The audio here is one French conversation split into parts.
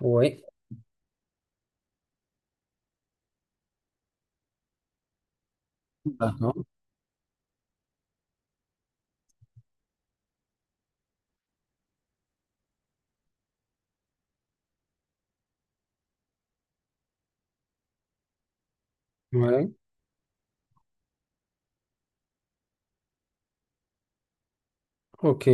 Oui. D'accord. Ouais. Ok.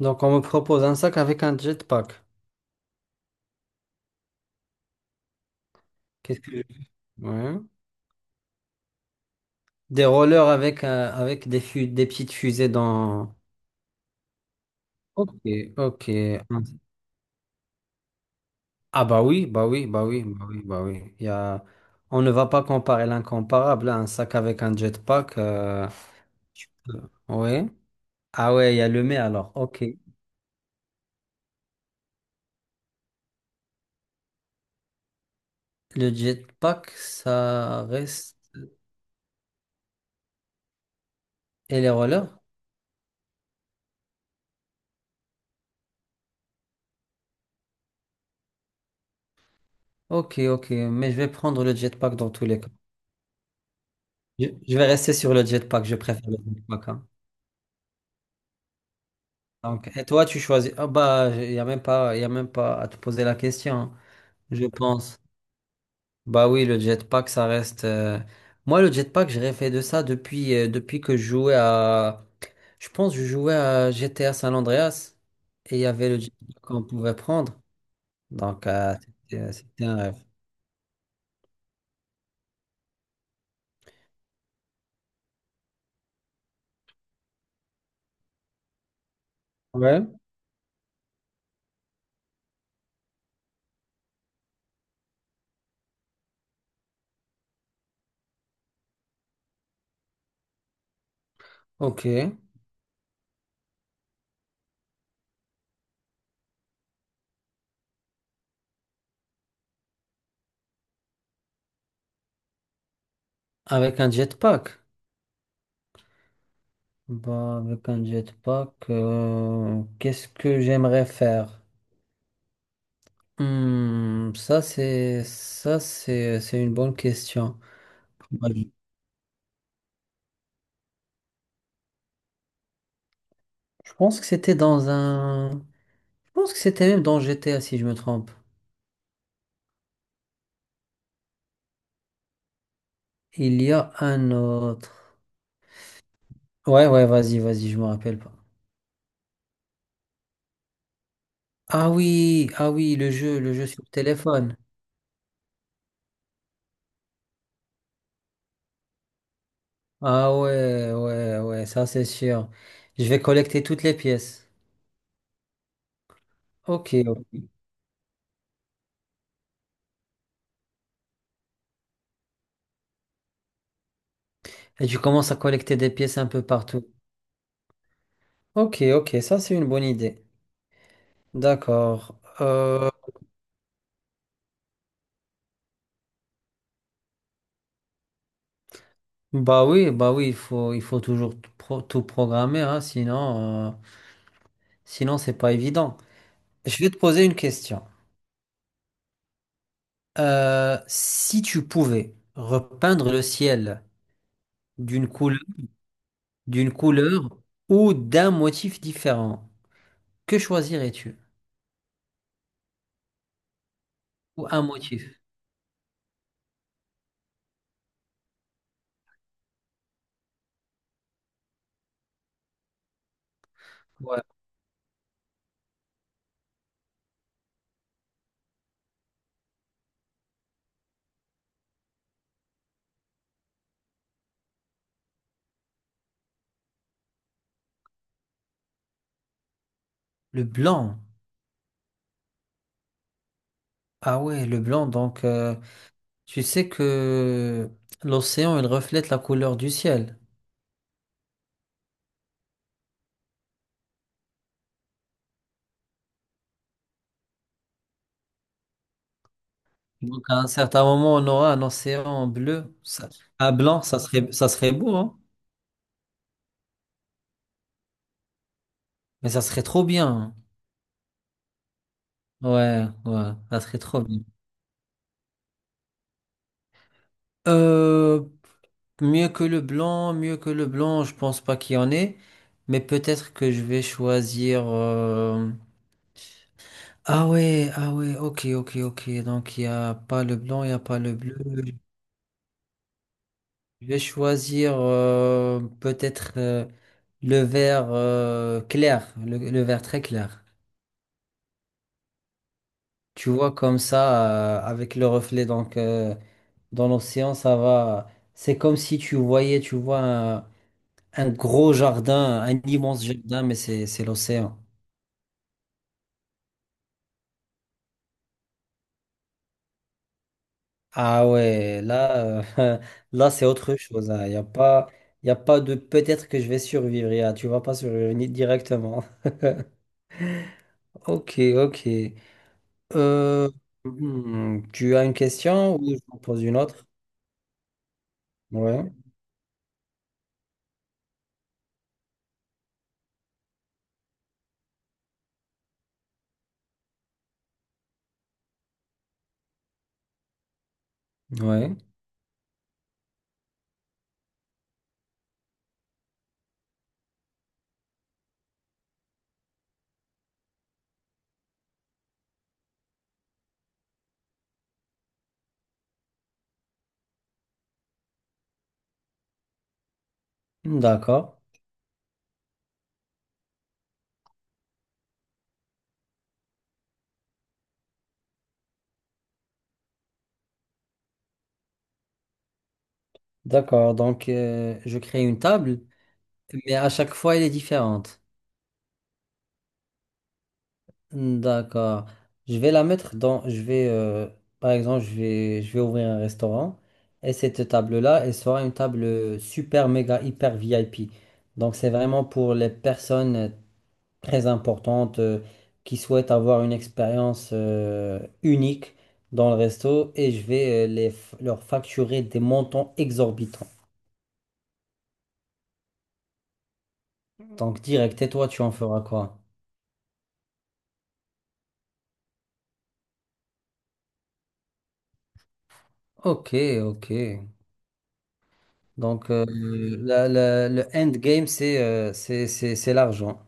Donc on me propose un sac avec un jetpack. Qu'est-ce que... Ouais. Des rollers avec, avec des, des petites fusées dans... Ok, ok. Ah bah oui, bah oui, bah oui, bah oui, bah oui. Il y a... On ne va pas comparer l'incomparable, hein. Un sac avec un jetpack. Tu peux- Ouais. Ah ouais, il y a le mais alors. Ok. Le jetpack, ça reste... Et les rollers? Ok, ok. Mais je vais prendre le jetpack dans tous les cas. Je vais rester sur le jetpack, je préfère le jetpack, hein. Donc, et toi, tu choisis. Ah bah, il n'y a même pas, il a même pas à te poser la question, hein, je pense. Bah oui, le jetpack, ça reste. Moi, le jetpack, j'ai rêvé de ça depuis, depuis que je jouais à. Je pense que je jouais à GTA San Andreas et il y avait le jetpack qu'on pouvait prendre. Donc, c'était c'était un rêve. Ouais. Ok. Avec un jetpack. Bah, avec un jetpack, qu'est-ce que j'aimerais faire? Ça c'est c'est une bonne question. Moi, je pense que c'était dans un je pense que c'était même dans GTA si je me trompe. Il y a un autre. Ouais, vas-y, je me rappelle pas. Ah oui, ah oui, le jeu sur téléphone. Ah ouais, ouais, ouais, ça c'est sûr. Je vais collecter toutes les pièces. OK, ok. Et tu commences à collecter des pièces un peu partout. Ok, ok, ça c'est une bonne idée. D'accord. Bah oui, il faut toujours tout, tout programmer, hein, sinon, sinon c'est pas évident. Je vais te poser une question. Si tu pouvais repeindre le ciel d'une couleur, d'une couleur ou d'un motif différent, que choisirais-tu? Ou un motif? Ouais. Le blanc. Ah ouais, le blanc. Donc, tu sais que l'océan, il reflète la couleur du ciel. Donc, à un certain moment, on aura un océan bleu, ça- à blanc, ça serait beau, hein. Mais ça serait trop bien, hein. Ouais, ouais, ça serait trop bien. Euh, Mieux que le blanc, mieux que le blanc, je pense pas qu'il y en ait. Mais peut-être que je vais choisir. Ah ouais, ah ouais, ok, ok, ok. Donc, il y a pas le blanc, il y a pas le bleu. Je vais choisir peut-être le vert clair, le vert très clair. Tu vois comme ça, avec le reflet donc, dans l'océan, ça va. C'est comme si tu voyais, tu vois, un gros jardin, un immense jardin, mais c'est l'océan. Ah ouais, là, là c'est autre chose. Il n'y a pas, y a pas de peut-être que je vais survivre. Y a- tu vas pas survivre ni- directement. Ok, ok. Euh, tu as une question ou je t'en pose une autre? Ouais, ouais. D'accord, d'accord. Donc, je crée une table. Mais à chaque fois, elle est différente. D'accord. Je vais la mettre dans. Je vais, par exemple, je vais ouvrir un restaurant et cette table-là, elle sera une table super, méga, hyper VIP. Donc, c'est vraiment pour les personnes très importantes qui souhaitent avoir une expérience unique dans le resto et je vais les, leur facturer des montants exorbitants. Donc, direct, et toi, tu en feras quoi? Ok, ok. Donc, le endgame, c'est c'est l'argent.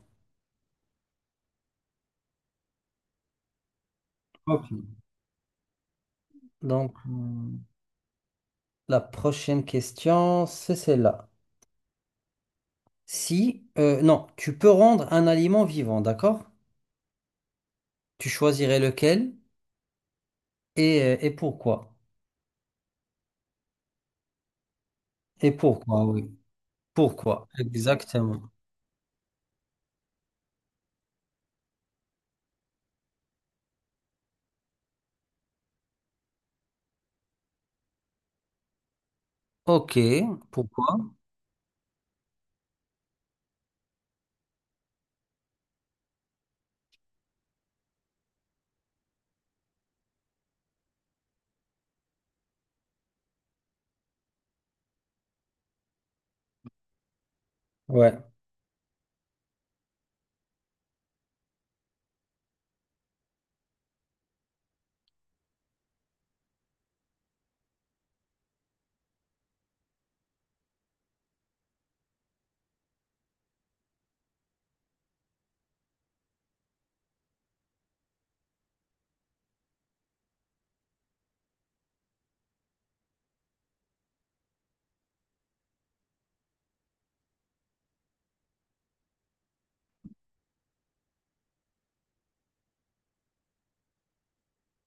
Ok. Donc, la prochaine question, c'est celle-là. Si, non, tu peux rendre un aliment vivant, d'accord? Tu choisirais lequel et pourquoi? Et pourquoi, oui. Pourquoi? Exactement. Ok, pourquoi? Ouais.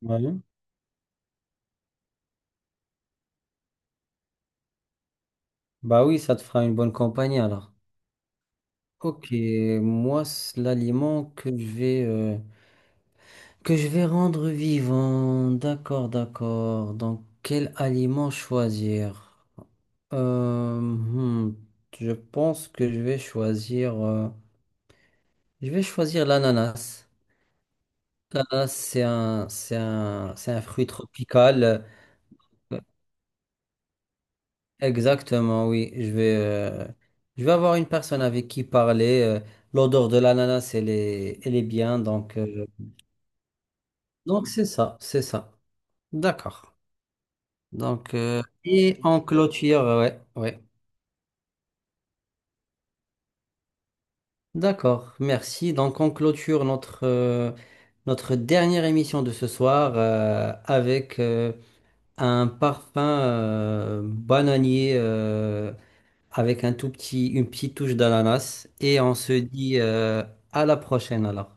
Ouais. Bah oui, ça te fera une bonne compagnie alors. Ok, moi, c'est l'aliment que je vais... que je vais rendre vivant. D'accord, d'accord. Donc, quel aliment choisir? Euh, hmm, je pense que je vais choisir. Je vais choisir l'ananas. L'ananas, c'est un, c'est un, c'est un fruit tropical. Euh, Exactement, oui. Je vais avoir une personne avec qui parler. L'odeur de l'ananas, elle est bien. Donc c'est ça, c'est ça. D'accord. Donc, et en clôture, ouais, ouais. D'accord, merci. Donc on clôture notre, notre dernière émission de ce soir avec un parfum bananier avec un tout petit, une petite touche d'ananas. Et on se dit à la prochaine alors.